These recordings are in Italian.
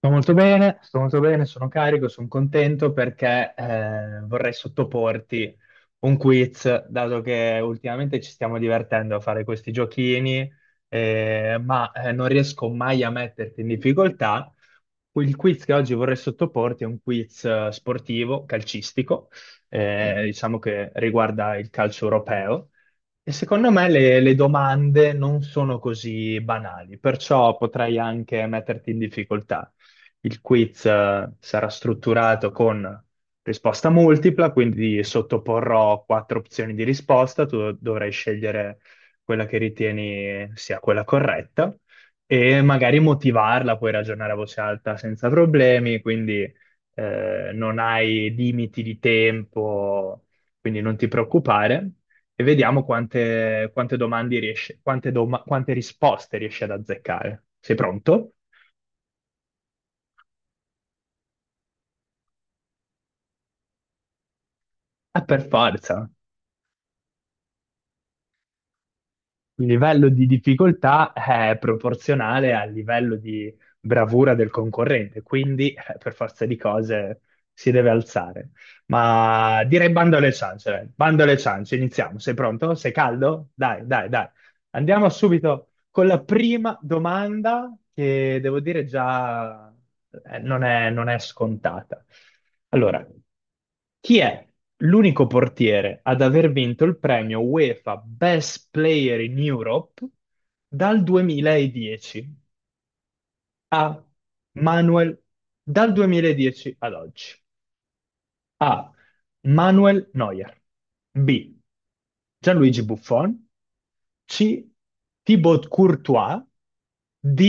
Sto molto bene, sono carico, sono contento perché vorrei sottoporti un quiz, dato che ultimamente ci stiamo divertendo a fare questi giochini, ma non riesco mai a metterti in difficoltà. Il quiz che oggi vorrei sottoporti è un quiz sportivo, calcistico, diciamo che riguarda il calcio europeo. E secondo me le domande non sono così banali, perciò potrei anche metterti in difficoltà. Il quiz, sarà strutturato con risposta multipla, quindi sottoporrò quattro opzioni di risposta, tu dovrai scegliere quella che ritieni sia quella corretta e magari motivarla, puoi ragionare a voce alta senza problemi, quindi non hai limiti di tempo, quindi non ti preoccupare e vediamo quante domande quante risposte riesci ad azzeccare. Sei pronto? Ah, per forza. Il livello di difficoltà è proporzionale al livello di bravura del concorrente, quindi per forza di cose si deve alzare. Ma direi bando alle ciance, dai. Bando alle ciance, iniziamo. Sei pronto? Sei caldo? Dai, dai, dai. Andiamo subito con la prima domanda che devo dire già non è scontata. Allora, chi è l'unico portiere ad aver vinto il premio UEFA Best Player in Europe dal 2010 a Manuel, dal 2010 ad oggi? A. Manuel Neuer. B. Gianluigi Buffon. C. Thibaut Courtois. D.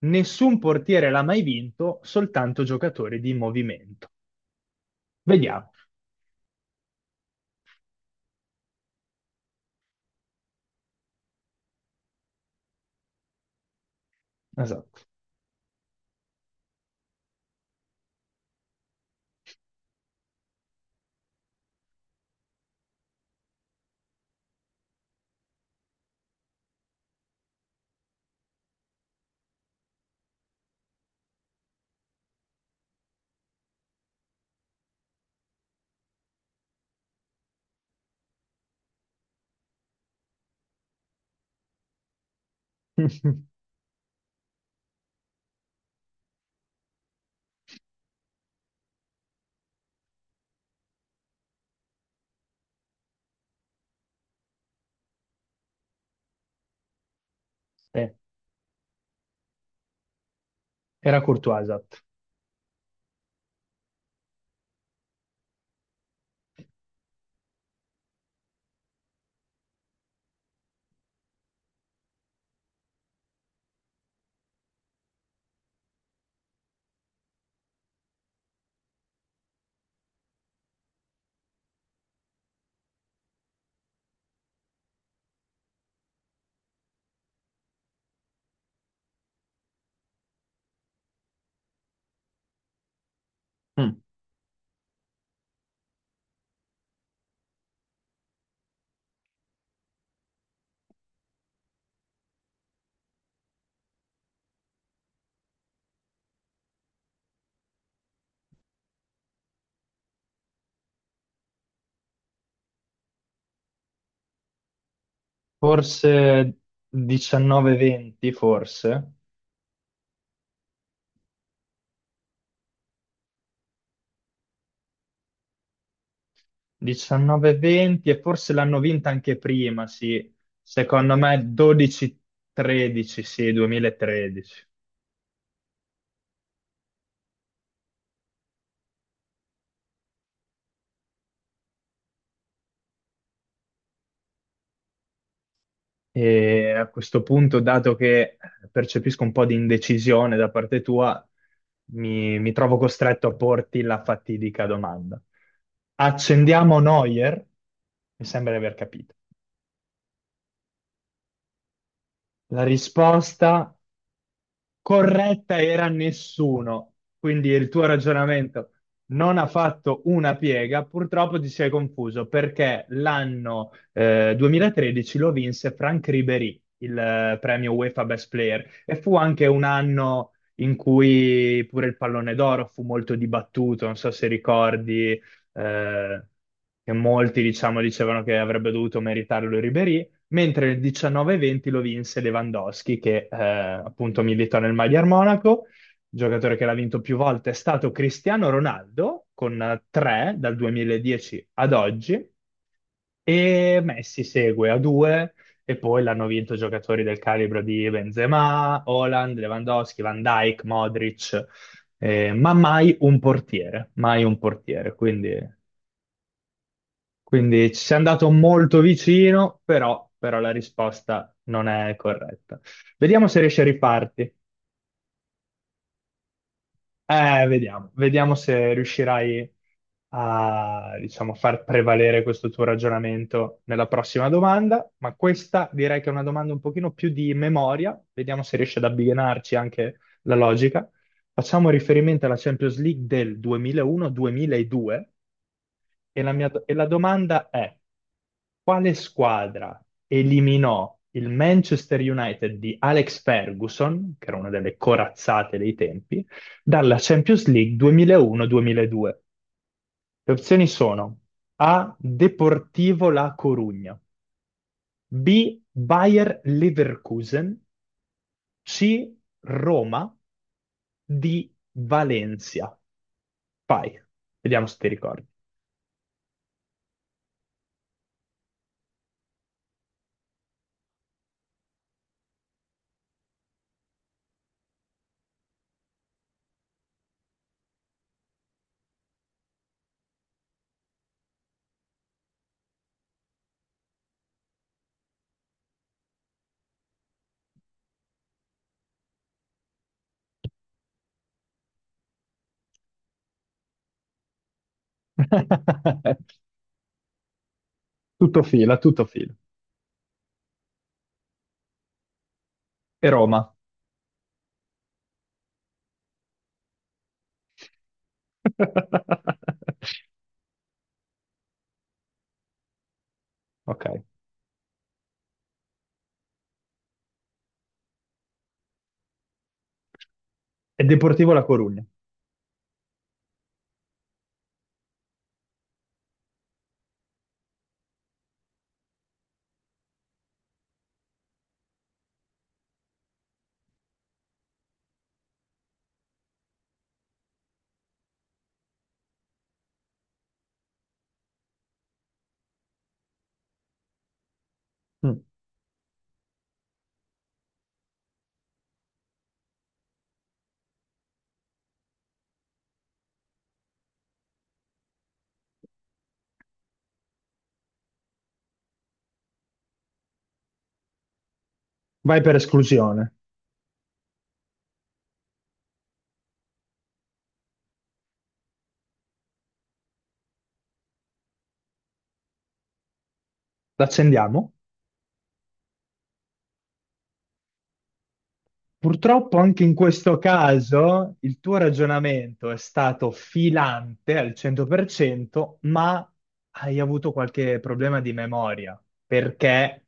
Nessun portiere l'ha mai vinto, soltanto giocatori di movimento. Vediamo. Esatto. Eh, era Courtois, esatto. Mm. Forse 19-20, forse. 19-20 e forse l'hanno vinta anche prima, sì. Secondo me 12-13, sì, 2013. E a questo punto, dato che percepisco un po' di indecisione da parte tua, mi trovo costretto a porti la fatidica domanda. Accendiamo Neuer? Mi sembra di aver capito. La risposta corretta era nessuno. Quindi il tuo ragionamento non ha fatto una piega. Purtroppo ti sei confuso perché l'anno 2013 lo vinse Franck Ribéry, il premio UEFA Best Player, e fu anche un anno in cui pure il pallone d'oro fu molto dibattuto. Non so se ricordi. eh, che molti, diciamo, dicevano che avrebbe dovuto meritarlo Ribéry, mentre nel 19-20 lo vinse Lewandowski, che appunto milita nel Magyar Monaco. Il giocatore che l'ha vinto più volte è stato Cristiano Ronaldo, con tre dal 2010 ad oggi, e Messi segue a due, e poi l'hanno vinto giocatori del calibro di Benzema, Haaland, Lewandowski, Van Dijk, Modric, ma mai un portiere, mai un portiere, quindi... Quindi ci sei andato molto vicino, però, però la risposta non è corretta. Vediamo se riesci a riparti. Vediamo, vediamo se riuscirai a, diciamo, far prevalere questo tuo ragionamento nella prossima domanda, ma questa direi che è una domanda un pochino più di memoria. Vediamo se riesci ad abbinarci anche la logica. Facciamo riferimento alla Champions League del 2001-2002. E la domanda è, quale squadra eliminò il Manchester United di Alex Ferguson, che era una delle corazzate dei tempi, dalla Champions League 2001-2002? Le opzioni sono A. Deportivo La Corugna, B. Bayer Leverkusen, C. Roma, D. Valencia. Vai, vediamo se ti ricordi. Tutto fila, tutto fila. E Roma. Ok. È Deportivo La Corugna. Mm. Vai per esclusione. L'accendiamo. Purtroppo anche in questo caso il tuo ragionamento è stato filante al 100%, ma hai avuto qualche problema di memoria, perché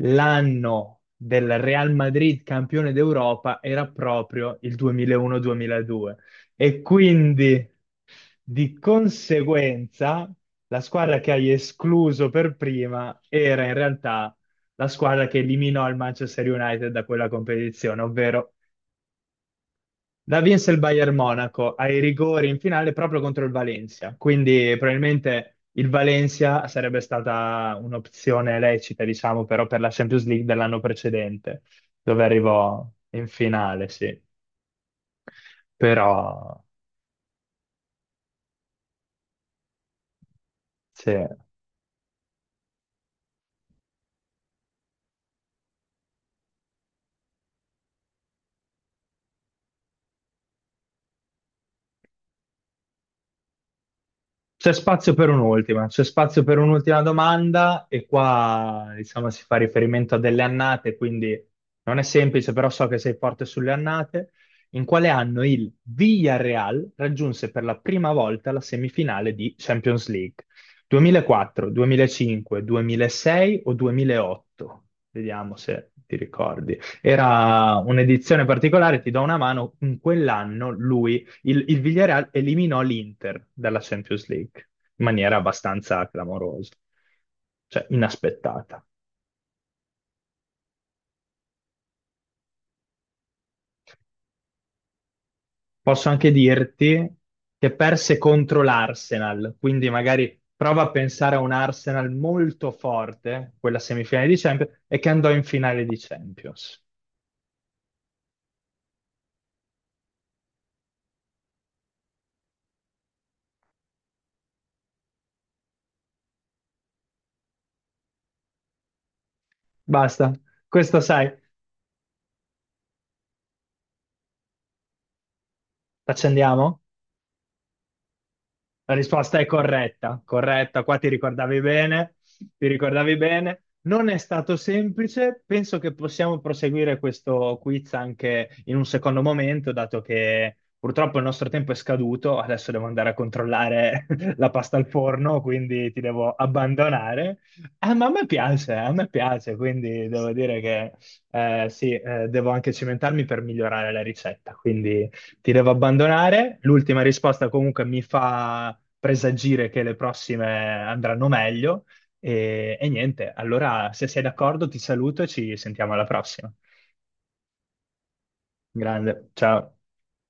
l'anno del Real Madrid campione d'Europa era proprio il 2001-2002 e quindi di conseguenza, la squadra che hai escluso per prima era in realtà la squadra che eliminò il Manchester United da quella competizione, ovvero la vinse il Bayern Monaco ai rigori in finale proprio contro il Valencia. Quindi probabilmente il Valencia sarebbe stata un'opzione lecita, diciamo, però per la Champions League dell'anno precedente, dove arrivò in finale, sì. Però, sì. C'è spazio per un'ultima, c'è spazio per un'ultima domanda e qua diciamo si fa riferimento a delle annate, quindi non è semplice, però so che sei forte sulle annate. In quale anno il Villarreal raggiunse per la prima volta la semifinale di Champions League? 2004, 2005, 2006 o 2008? Vediamo se ti ricordi. Era un'edizione particolare, ti do una mano, in quell'anno lui il Villarreal eliminò l'Inter dalla Champions League in maniera abbastanza clamorosa, cioè inaspettata. Posso anche dirti che perse contro l'Arsenal, quindi magari prova a pensare a un Arsenal molto forte, quella semifinale di Champions, e che andò in finale di Champions. Basta, questo sai, accendiamo? La risposta è corretta, corretta, qua ti ricordavi bene, ti ricordavi bene. Non è stato semplice, penso che possiamo proseguire questo quiz anche in un secondo momento, dato che purtroppo il nostro tempo è scaduto, adesso devo andare a controllare la pasta al forno, quindi ti devo abbandonare. Ma a me piace, quindi devo dire che sì, devo anche cimentarmi per migliorare la ricetta, quindi ti devo abbandonare. L'ultima risposta comunque mi fa presagire che le prossime andranno meglio. E niente, allora se sei d'accordo ti saluto e ci sentiamo alla prossima. Grande, ciao.